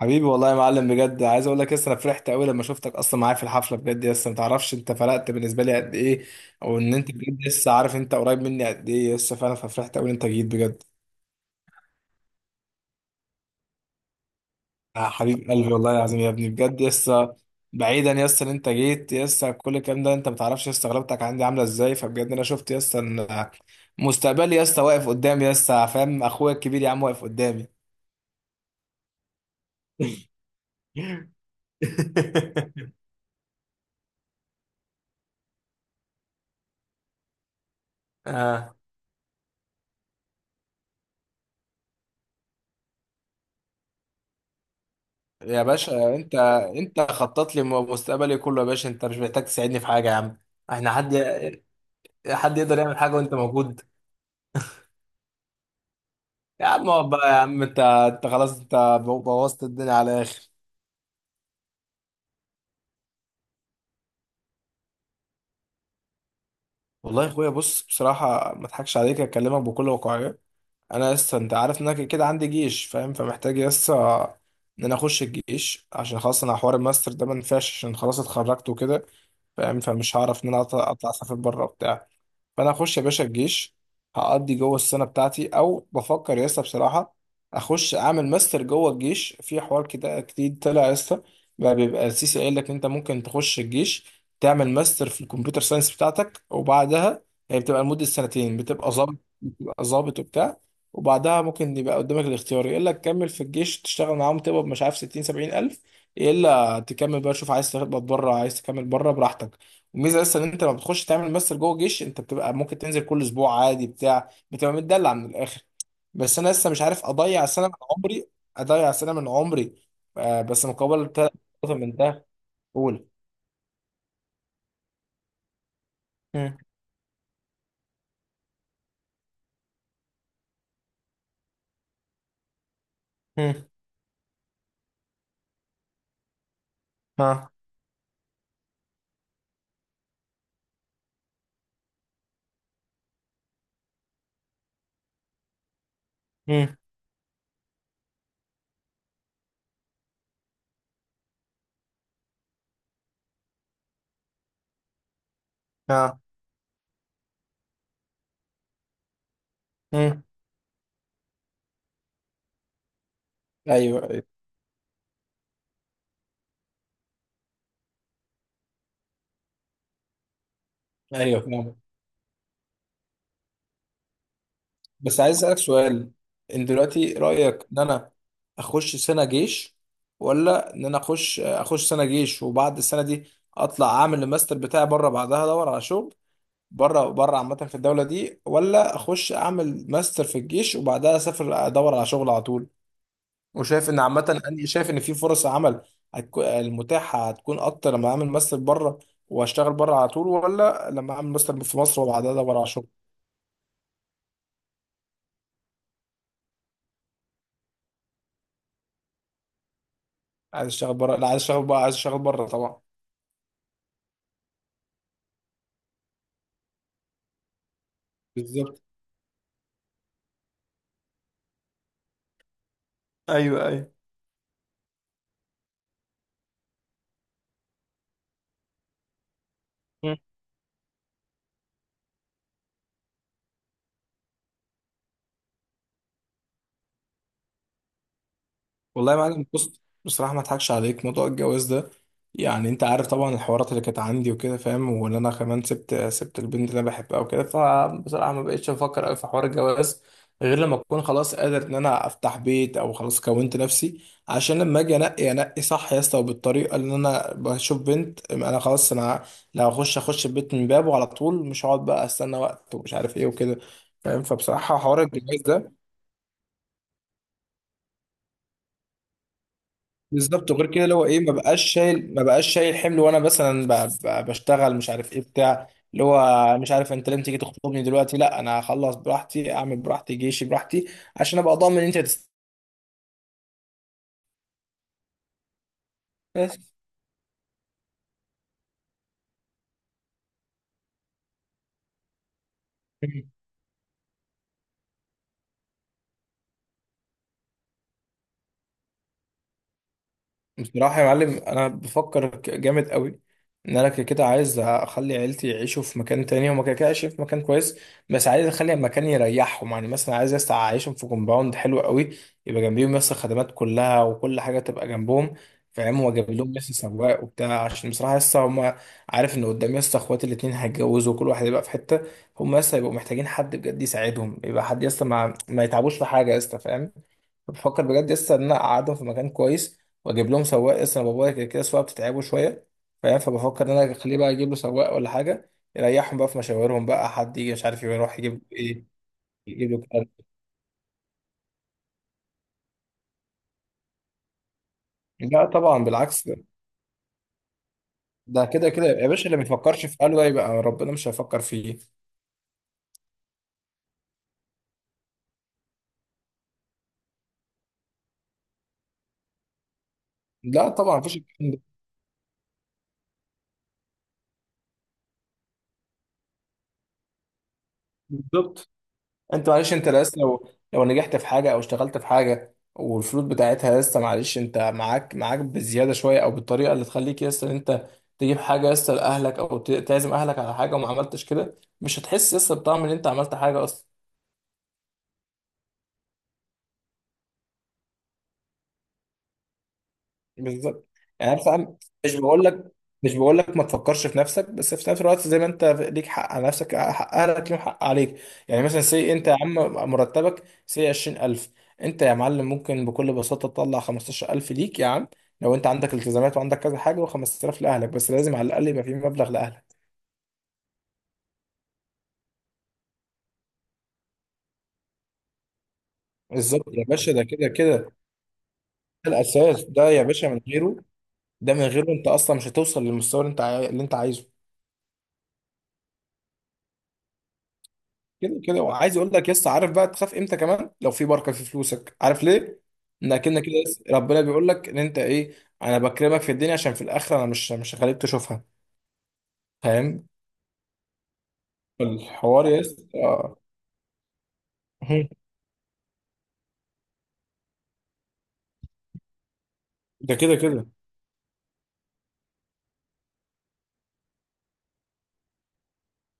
حبيبي والله يا معلم، بجد عايز اقول لك انا فرحت قوي لما شفتك اصلا معايا في الحفله. بجد ما تعرفش انت فرقت بالنسبه لي قد ايه، ان انت بجد لسه عارف انت قريب مني قد ايه لسه فعلا، ففرحت قوي ان انت جيت بجد. يا حبيب قلبي، والله العظيم يا ابني، بجد لسه. بعيدا ان انت جيت لسه، كل الكلام ده انت ما تعرفش لسه غلبتك عندي عامله ازاي، فبجد انا شفت لسه ان مستقبلي لسه واقف قدامي، لسه فاهم؟ اخويا الكبير يا عم واقف قدامي. آه. يا باشا، انت خطط لي مستقبلي كله يا باشا، انت مش محتاج تساعدني في حاجه يا عم. احنا حد يقدر يعمل حاجه وانت موجود؟ يا عم اقعد بقى يا عم، انت خلاص انت بوظت الدنيا على الاخر. والله يا اخويا بص بصراحه، ما اضحكش عليك، اكلمك بكل واقعيه. انا لسه انت عارف ان انا كده كده عندي جيش فاهم، فمحتاج لسه ان انا اخش الجيش، عشان خلاص انا حوار الماستر ده ما ينفعش، عشان خلاص اتخرجت وكده فاهم، فمش هعرف ان انا اطلع اسافر بره وبتاع. فانا اخش يا باشا الجيش، هقضي جوه السنه بتاعتي، او بفكر يا اسطى بصراحه اخش اعمل ماستر جوه الجيش، في حوار كده جديد طلع يا اسطى، بقى بيبقى السيسي قايل لك انت ممكن تخش الجيش، تعمل ماستر في الكمبيوتر ساينس بتاعتك، وبعدها هي بتبقى لمده سنتين، بتبقى ظابط، بتبقى ظابط وبتاع، وبعدها ممكن يبقى قدامك الاختيار يقول لك كمل في الجيش تشتغل معاهم تقبض مش عارف 60 70 الف، يا الا تكمل بقى، شوف عايز تقبض بره عايز تكمل بره براحتك. الميزه اصلا ان انت لما بتخش تعمل ماستر جوه الجيش انت بتبقى ممكن تنزل كل اسبوع عادي بتاع، بتبقى متدلع من الاخر. بس انا لسه مش عارف اضيع سنه من عمري، اضيع سنه من عمري، آه، بس مقابل تلات نقط من ده. قول. مم. مم. ها. مم. ها. مم. ايوه، ايوه، ايوه فاهم. بس عايز اسالك سؤال، ان دلوقتي رايك ان انا اخش سنه جيش، ولا ان انا اخش سنه جيش وبعد السنه دي اطلع اعمل الماستر بتاعي بره، بعدها ادور على شغل بره عامه في الدوله دي، ولا اخش اعمل ماستر في الجيش وبعدها اسافر ادور على شغل على طول. وشايف ان عامه انا شايف ان في فرص عمل هتكون المتاحه هتكون اكتر لما اعمل ماستر بره واشتغل بره على طول، ولا لما اعمل ماستر في مصر وبعدها ادور على شغل. عايز اشتغل بره، لا عايز اشتغل بقى، عايز اشتغل بره طبعا. بالظبط. ايوه ايوه. والله يا معلم بص بصراحة ما اضحكش عليك، موضوع الجواز ده يعني انت عارف طبعا الحوارات اللي كانت عندي وكده فاهم، وان انا كمان سبت البنت اللي انا بحبها وكده، فبصراحة ما بقتش افكر قوي في حوار الجواز، غير لما اكون خلاص قادر ان انا افتح بيت او خلاص كونت نفسي، عشان لما اجي انقي صح يا اسطى وبالطريقة اللي انا بشوف بنت، انا خلاص انا لو اخش البيت من بابه على طول، مش هقعد بقى استنى وقت ومش عارف ايه وكده فاهم، فبصراحة حوار الجواز ده. بالظبط. وغير كده اللي هو ايه، ما بقاش شايل، ما بقاش شايل حمل، وانا مثلا بشتغل مش عارف ايه بتاع، اللي هو مش عارف انت لازم تيجي تخطبني دلوقتي. لا انا هخلص براحتي، اعمل براحتي جيشي براحتي، عشان ابقى ضامن ان انت هتستفيد. بصراحة يا معلم أنا بفكر جامد قوي، إن أنا كده كده عايز أخلي عيلتي يعيشوا في مكان تاني، هما كده كده عايشين في مكان كويس، بس عايز أخلي مكان يريحهم. يعني مثلا عايز أعيشهم في كومباوند حلو قوي، يبقى جنبيهم الخدمات كلها وكل حاجة تبقى جنبهم فاهم، وأجيب لهم سواق وبتاع، عشان بصراحة هما عارف إن قدام إخواتي الاتنين هيتجوزوا وكل واحد يبقى في حتة، هما هيبقوا محتاجين حد بجد يساعدهم، يبقى حد يس ما, ما يتعبوش في حاجة، فاهم. بفكر بجد لسه ان انا اقعدهم في مكان كويس، واجيب لهم سواق. لسه انا بابايا كده كده السواقه بتتعبه شويه فاهم، فبفكر ان انا اخليه بقى اجيب له سواق ولا حاجه يريحهم بقى في مشاويرهم، بقى حد يجي مش عارف يروح يجيب له ايه، يجيب له كده. لا طبعا، بالعكس، ده كده كده يا باشا اللي ما يفكرش في قلبه يبقى ربنا مش هيفكر فيه. لا طبعا، مفيش الكلام ده. بالظبط. انت معلش انت لسه لو نجحت في حاجه او اشتغلت في حاجه والفلوس بتاعتها لسه، معلش انت معاك بزياده شويه او بالطريقه اللي تخليك لسه ان انت تجيب حاجه لسه لاهلك، او تعزم اهلك على حاجه وما عملتش كده، مش هتحس لسه بطعم ان انت عملت حاجه اصلا. بالظبط. يعني أنا بصراحة مش بقول لك مش بقول لك ما تفكرش في نفسك، بس في نفس الوقت زي ما انت ليك حق على نفسك، حق اهلك ليهم حق عليك. يعني مثلا سي انت يا عم، مرتبك سي 20000، انت يا معلم ممكن بكل بساطة تطلع 15000 ليك يا عم، لو انت عندك التزامات وعندك كذا حاجة، و5000 لاهلك. بس لازم على الاقل يبقى في مبلغ لاهلك. بالظبط يا باشا، ده كده كده ده الاساس، ده يا باشا من غيره، ده من غيره انت اصلا مش هتوصل للمستوى اللي انت اللي انت عايزه. كده كده. وعايز اقول لك عارف بقى تخاف امتى كمان لو في بركه في فلوسك؟ عارف ليه؟ انك كده ربنا بيقول لك ان انت ايه، انا بكرمك في الدنيا عشان في الاخره انا مش هخليك تشوفها فاهم؟ الحوار يس اه هم. ده كده كده.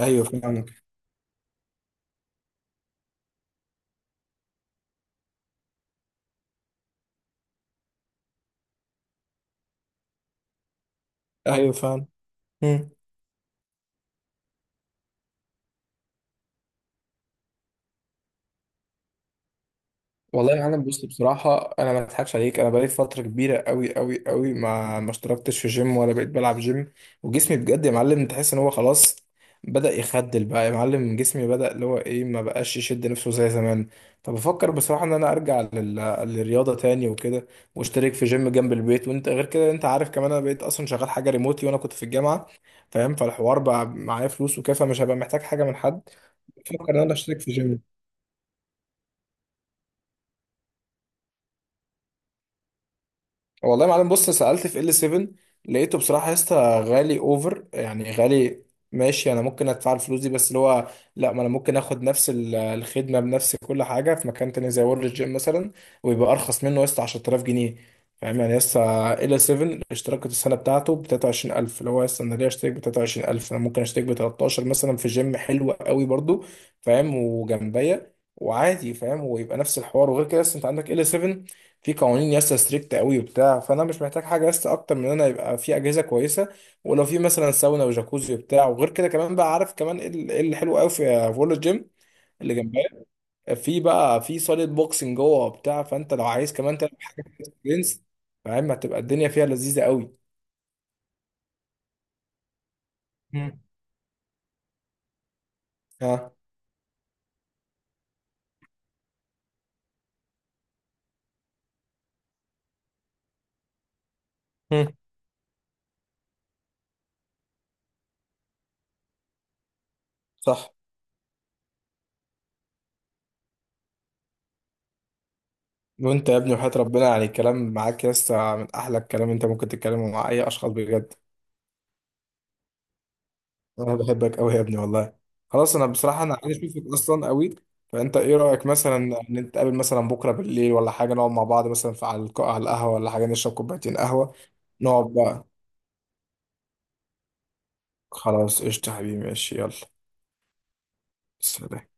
ايوه فاهم. ايوه فاهم. والله يا عالم بص بصراحة أنا ما أضحكش عليك، أنا بقالي فترة كبيرة أوي أوي أوي ما اشتركتش في جيم ولا بقيت بلعب جيم، وجسمي بجد يا معلم تحس إن هو خلاص بدأ يخدل بقى يا معلم، جسمي بدأ اللي هو إيه ما بقاش يشد نفسه زي زمان، فبفكر بصراحة إن أنا أرجع للرياضة تاني وكده، واشترك في جيم جنب البيت، وأنت غير كده أنت عارف كمان أنا بقيت أصلا شغال حاجة ريموتلي وأنا كنت في الجامعة فاهم، فالحوار بقى معايا فلوس وكده، فمش هبقى محتاج حاجة من حد. بفكر إن أنا أشترك في جيم. والله يا معلم بص، سألت في ال 7، لقيته بصراحة يا اسطى غالي اوفر، يعني غالي. ماشي انا ممكن ادفع الفلوس دي، بس اللي هو لا، ما انا ممكن اخد نفس الخدمة بنفس كل حاجة في مكان تاني زي وورلد جيم مثلا، ويبقى ارخص منه يا اسطى 10000 جنيه. فاهم يعني يا اسطى ال 7 اشتراك السنة بتاعته ب 23000، اللي هو يا اسطى انا ليه اشترك ب 23000؟ انا ممكن اشترك ب 13 مثلا في جيم حلو قوي برضو فاهم، وجنبيا وعادي فاهم، ويبقى نفس الحوار. وغير كده اصلا انت عندك ال 7 في قوانين ياسا ستريكت قوي وبتاع، فانا مش محتاج حاجه ياسا اكتر من ان انا يبقى في اجهزه كويسه، ولو في مثلا ساونا وجاكوزي وبتاع. وغير كده كمان بقى عارف كمان ايه إيه اللي حلو قوي في فول الجيم اللي جنبها؟ في بقى في صاله بوكسنج جوه وبتاع، فانت لو عايز كمان تلعب جنس فاهم، هتبقى الدنيا فيها لذيذه قوي. مم. ها. مم. صح. وانت يا ابني وحياة ربنا يعني الكلام معاك ياسا من احلى الكلام انت ممكن تتكلمه مع اي اشخاص بجد، انا بحبك قوي يا ابني والله. خلاص انا بصراحه انا عايز اشوفك اصلا قوي، فانت ايه رايك مثلا ان انت تقابل مثلا بكره بالليل ولا حاجه، نقعد مع بعض مثلا في على على القهوه ولا حاجه، نشرب كوبايتين قهوه، نقعد بقى. خلاص قشطه يا حبيبي، ماشي، يلا، سلام.